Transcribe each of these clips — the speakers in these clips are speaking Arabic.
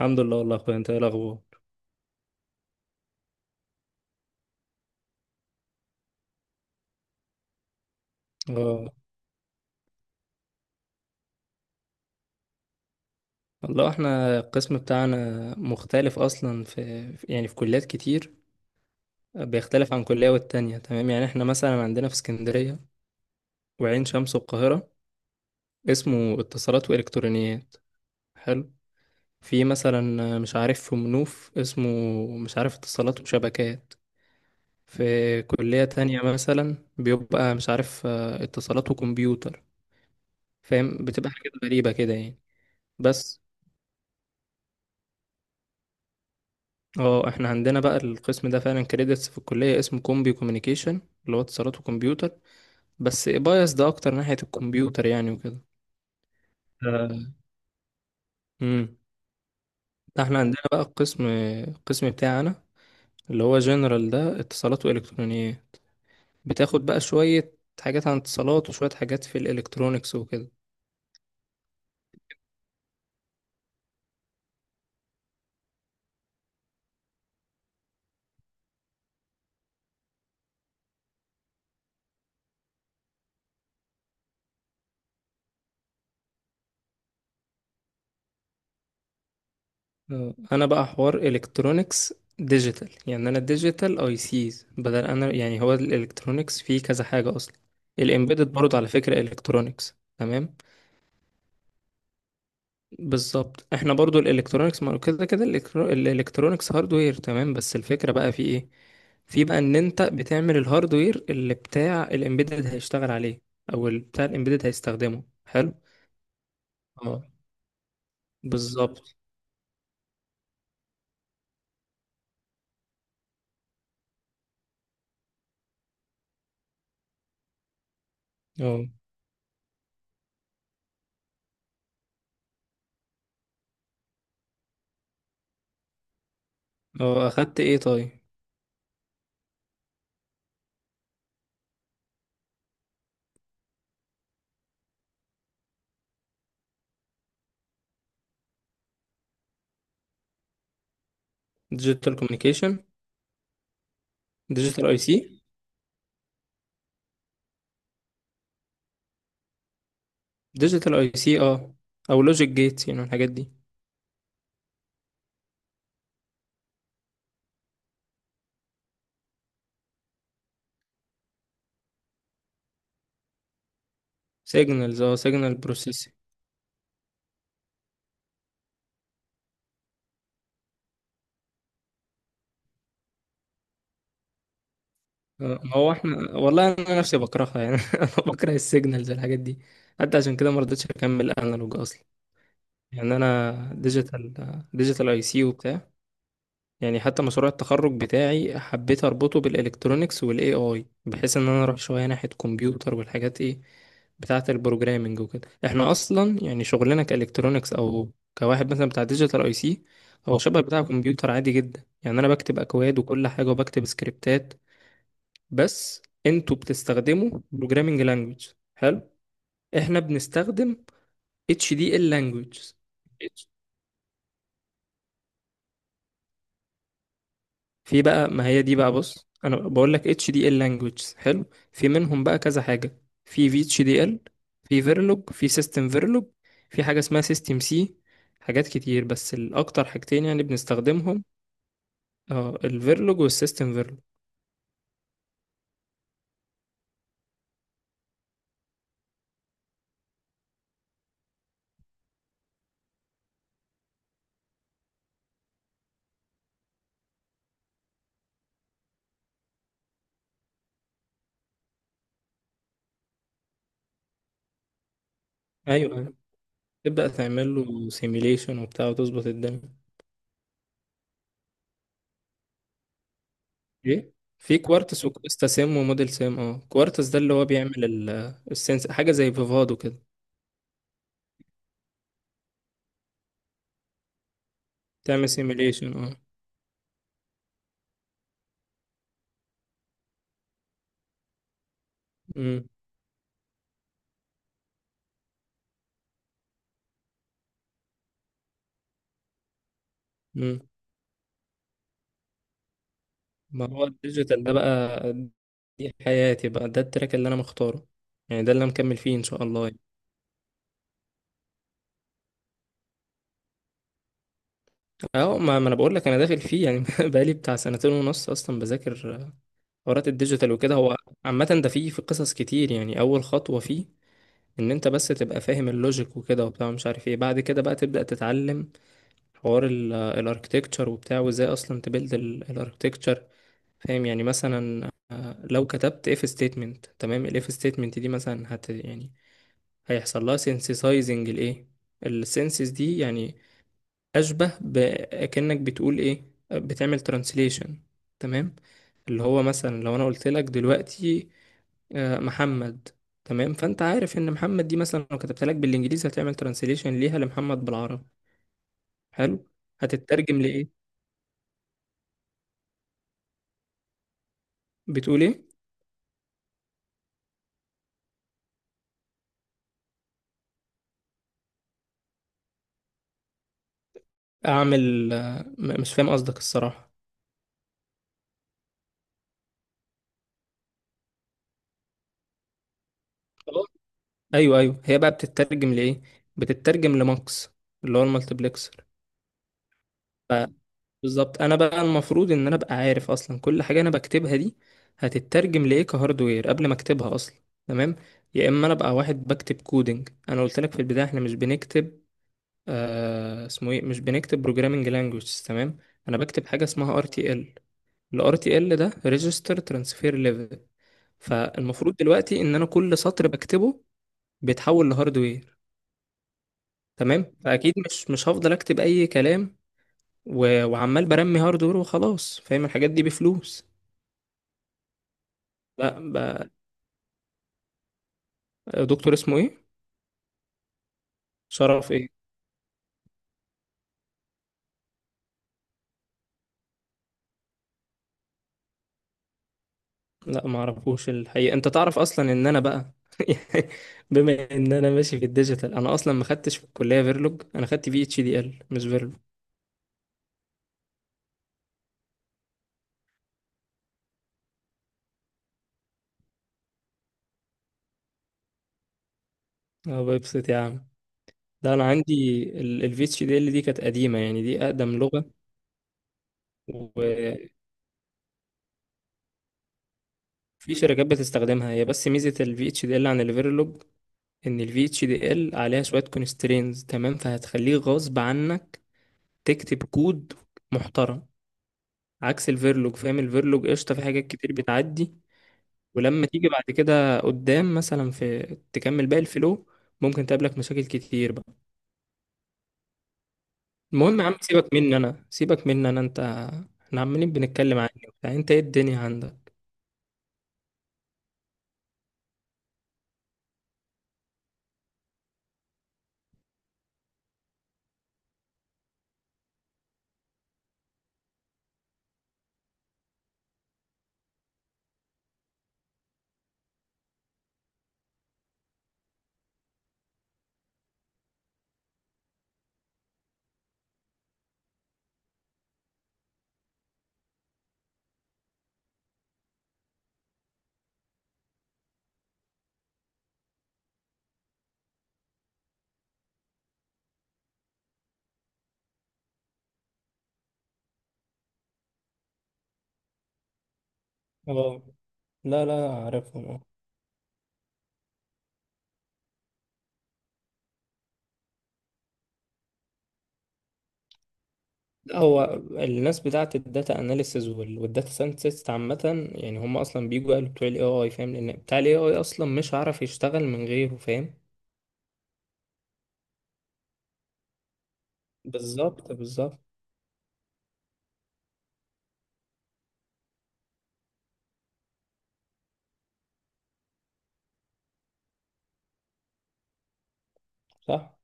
الحمد لله، والله يا اخويا. انت ايه الاخبار؟ اه، والله احنا القسم بتاعنا مختلف اصلا يعني في كليات كتير بيختلف عن كلية والتانية، تمام، يعني احنا مثلا عندنا في اسكندرية وعين شمس والقاهرة اسمه اتصالات والكترونيات. حلو. في مثلا مش عارف في منوف اسمه مش عارف اتصالات وشبكات. في كلية تانية مثلا بيبقى مش عارف اتصالات وكمبيوتر. فاهم؟ بتبقى حاجات غريبة كده يعني. بس اه احنا عندنا بقى القسم ده فعلا كريدتس في الكلية اسمه كومبي كوميونيكيشن، اللي هو اتصالات وكمبيوتر. بس بايس ده اكتر ناحية الكمبيوتر يعني وكده. آه، امم ده احنا عندنا بقى القسم بتاعنا، اللي هو جنرال، ده اتصالات والكترونيات. بتاخد بقى شوية حاجات عن اتصالات وشوية حاجات في الالكترونيكس وكده. انا بقى حوار الكترونيكس ديجيتال، يعني انا ديجيتال اي سيز، بدل انا يعني هو الالكترونيكس فيه كذا حاجة اصلا. الامبيدد برضه على فكرة الكترونيكس، تمام. بالظبط، احنا برضو الالكترونيكس ما هو كده كده الالكترونيكس هاردوير، تمام. بس الفكرة بقى في ايه؟ في بقى ان انت بتعمل الهاردوير اللي بتاع الامبيدد هيشتغل عليه، او اللي بتاع الامبيدد هيستخدمه. حلو. اه. بالظبط. اه، اه، اخدت ايه طيب؟ ديجيتال كوميونيكيشن. ديجيتال اي سي. ديجيتال اي سي، او لوجيك جيتس، يعني الحاجات دي. سيجنالز، سيجنال بروسيس. ما هو احنا والله انا نفسي بكرهها يعني انا بكره السيجنالز، الحاجات دي. حتى عشان كده ما رضيتش اكمل انالوج اصلا، يعني انا ديجيتال، ديجيتال اي سي وبتاع. يعني حتى مشروع التخرج بتاعي حبيت اربطه بالالكترونيكس والاي اي، بحيث ان انا اروح شويه ناحيه كمبيوتر والحاجات ايه بتاعه البروجرامنج وكده. احنا اصلا يعني شغلنا كالكترونيكس، او كواحد مثلا بتاع ديجيتال اي سي، هو شبه بتاع كمبيوتر عادي جدا يعني. انا بكتب اكواد وكل حاجه وبكتب سكريبتات. بس انتوا بتستخدموا programming language. حلو. احنا بنستخدم HDL language. في بقى ما هي دي بقى بص، انا بقول لك HDL language. حلو. في منهم بقى كذا حاجة. في VHDL، في Verilog، في System Verilog، في حاجة اسمها System C. حاجات كتير بس الاكتر حاجتين يعني بنستخدمهم. اه الفيرلوج والسيستم فيرلوج. ايوه، تبدأ تعمل له سيميليشن وبتاع وتظبط الدنيا. ايه، في كوارتز وكويستا سيم وموديل سيم، كوارتز ده اللي هو بيعمل السنس، حاجه زي فيفادو كده. تعمل سيميليشن، اه. امم امم ما هو الديجيتال ده بقى، دي حياتي بقى، ده التراك اللي انا مختاره، يعني ده اللي انا مكمل فيه ان شاء الله يعني. اه، ما انا بقول لك انا داخل فيه يعني بقالي بتاع سنتين ونص اصلا بذاكر حوارات الديجيتال وكده. هو عامه ده فيه، في قصص كتير يعني. اول خطوه فيه ان انت بس تبقى فاهم اللوجيك وكده وبتاع مش عارف ايه، بعد كده بقى تبدأ تتعلم حوار الاركتكتشر وبتاع، وازاي اصلا تبيلد الاركتكتشر. فاهم؟ يعني مثلا لو كتبت اف ستيتمنت، تمام، الاف ستيتمنت دي مثلا يعني هيحصل لها سينسيسايزنج، الايه السينسيس دي يعني، اشبه بكأنك بتقول ايه، بتعمل ترانسليشن، تمام. اللي هو مثلا لو انا قلت لك دلوقتي محمد، تمام، فانت عارف ان محمد دي مثلا لو كتبت لك بالانجليزي هتعمل ترانسليشن ليها لمحمد بالعربي. حلو. هتترجم لايه؟ بتقول ايه؟ اعمل، مش فاهم قصدك الصراحه. خلاص. ايوه، ايوه، هي بقى بتترجم لايه؟ بتترجم لماكس، اللي هو المالتيبلكسر. ف- بالظبط، انا بقى المفروض ان انا ابقى عارف اصلا كل حاجه انا بكتبها دي هتترجم لايه كهاردوير قبل ما اكتبها اصلا، تمام. يا اما انا ابقى واحد بكتب كودنج. انا قلت لك في البدايه احنا مش بنكتب، اسمه ايه، مش بنكتب بروجرامنج لانجويج، تمام. انا بكتب حاجه اسمها ار تي ال. الار تي ال ده ريجستر ترانسفير ليفل. فالمفروض دلوقتي ان انا كل سطر بكتبه بيتحول لهاردوير، تمام. فاكيد مش هفضل اكتب اي كلام و... وعمال برمي هاردوير وخلاص. فاهم الحاجات دي بفلوس. لا، دكتور اسمه ايه؟ شرف ايه؟ لا ما اعرفوش الحقيقه. انت تعرف اصلا ان انا بقى يعني، بما ان انا ماشي في الديجيتال، انا اصلا ما خدتش في الكليه فيرلوج، انا خدت في اتش دي ال مش فيرلوج. اه، ببسط يا عم. لا، انا عندي الفي اتش دي ال، ال VHDL دي كانت قديمه، يعني دي اقدم لغه. في شركات بتستخدمها هي، بس ميزة ال VHDL عن ال Verilog إن ال VHDL عليها شوية constraints، تمام، فهتخليه غصب عنك تكتب كود محترم، عكس ال Verilog. فاهم؟ ال Verilog قشطة، في حاجات كتير بتعدي، ولما تيجي بعد كده قدام مثلا في، تكمل باقي الفلو، ممكن تقابلك مشاكل كتير بقى. المهم يا عم، سيبك مني أنا. أنت، احنا عمالين بنتكلم عني وبتاع. أنت إيه الدنيا عندك؟ اه، لا، لا، عارفهم. هو الناس بتاعت الداتا اناليسز والداتا ساينتست، عامة يعني هم اصلا بيجوا قالوا بتوع الاي اي، فاهم؟ لان بتاع الاي اي اصلا مش عارف يشتغل من غيره، فاهم. بالظبط، بالظبط. صح.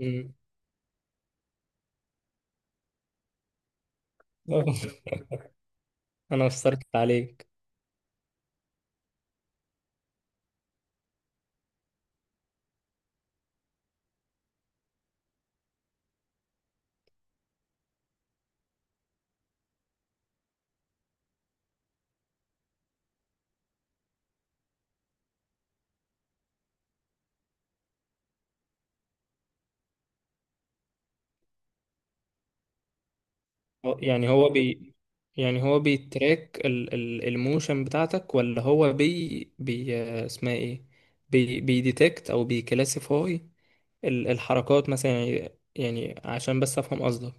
مم. انا اثرت عليك. يعني هو يعني هو بيتراك الموشن بتاعتك، ولا هو بي بي اسمها ايه، بيديتكت او بيكلاسيفاي الحركات مثلا، يعني عشان بس افهم قصدك،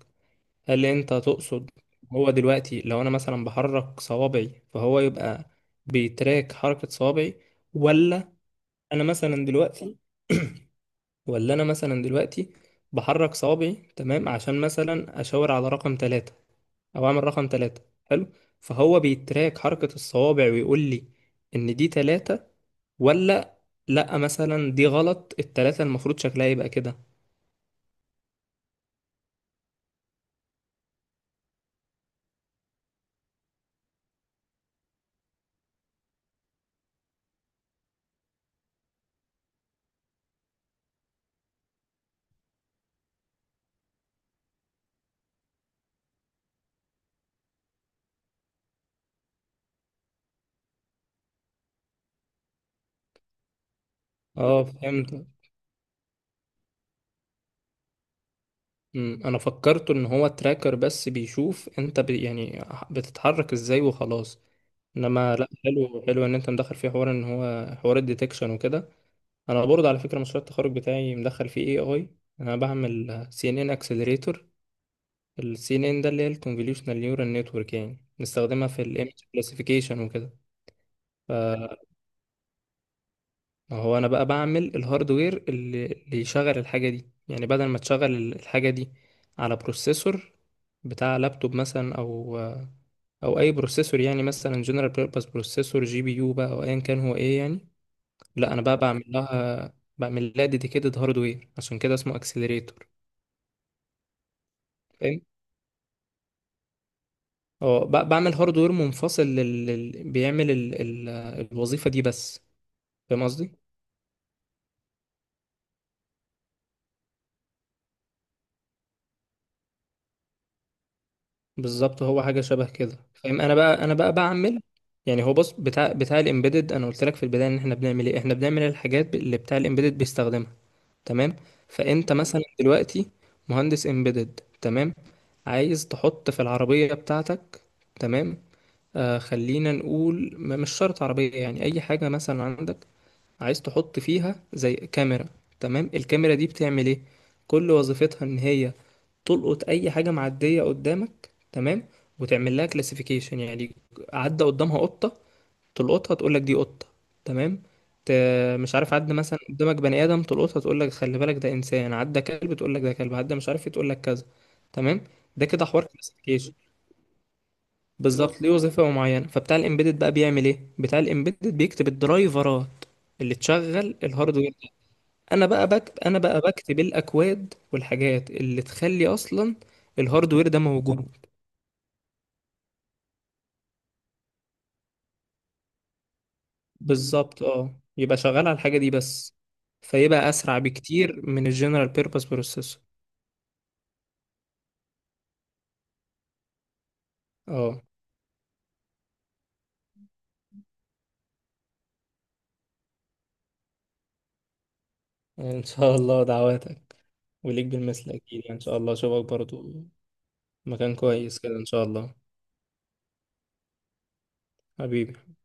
هل انت تقصد هو دلوقتي لو انا مثلا بحرك صوابعي فهو يبقى بيتراك حركة صوابعي، ولا انا مثلا دلوقتي ولا انا مثلا دلوقتي بحرك صوابعي تمام، عشان مثلا اشاور على رقم ثلاثة، او اعمل رقم ثلاثة. حلو. فهو بيتراك حركة الصوابع ويقول لي ان دي ثلاثة، ولا لا، مثلا دي غلط، الثلاثة المفروض شكلها يبقى كده. اه، فهمت. انا فكرت ان هو تراكر بس بيشوف انت يعني بتتحرك ازاي وخلاص. انما لا، حلو حلو ان انت مدخل فيه حوار ان هو حوار الديتكشن وكده. انا برضه على فكره مشروع التخرج بتاعي مدخل فيه اي اي. انا بعمل سي ان ان اكسلريتور. السي ان ان ده اللي هي الكونفوليوشنال نيورال نتورك، يعني نستخدمها في الايمج كلاسيفيكيشن وكده. فهو انا بقى بعمل الهاردوير اللي يشغل الحاجه دي، يعني بدل ما تشغل الحاجه دي على بروسيسور بتاع لابتوب مثلا، او اي بروسيسور يعني، مثلا جنرال بيربز بروسيسور جي بي يو بقى، او ايا كان هو ايه يعني. لا، انا بقى بعمل لها ديديكيتد هاردوير، عشان كده اسمه اكسلريتور. فاهم؟ اه بعمل هاردوير منفصل بيعمل الوظيفة دي بس. فاهم قصدي. بالظبط، هو حاجة شبه كده فاهم. انا بقى بعمل، يعني هو بص، بتاع الامبيدد، انا قلت لك في البداية ان احنا بنعمل ايه، احنا بنعمل الحاجات اللي بتاع الامبيدد بيستخدمها، تمام. فانت مثلا دلوقتي مهندس امبيدد، تمام، عايز تحط في العربية بتاعتك، تمام، خلينا نقول مش شرط عربية، يعني اي حاجة مثلا عندك عايز تحط فيها زي كاميرا، تمام. الكاميرا دي بتعمل ايه؟ كل وظيفتها ان هي تلقط اي حاجة معدية قدامك، تمام، وتعمل لها كلاسيفيكيشن. يعني عدى قدامها قطة، تلقطها تقول لك دي قطة، تمام. ت... مش عارف، عدى مثلا قدامك بني آدم تلقطها تقول لك خلي بالك ده إنسان، عدى كلب تقول لك ده كلب، عدى مش عارف إيه تقول لك كذا، تمام. ده كده حوار كلاسيفيكيشن. بالظبط، ليه وظيفة معينة. فبتاع الإمبيدد بقى بيعمل إيه؟ بتاع الإمبيدد بيكتب الدرايفرات اللي تشغل الهاردوير. أنا بقى بكتب الأكواد والحاجات اللي تخلي أصلا الهاردوير ده موجود. بالظبط، يبقى شغال على الحاجة دي بس، فيبقى أسرع بكتير من الجنرال بيربز بروسيسور. اه، ان شاء الله دعواتك. وليك بالمثل اكيد يعني، ان شاء الله اشوفك برضو مكان كويس كده ان شاء الله. حبيبي.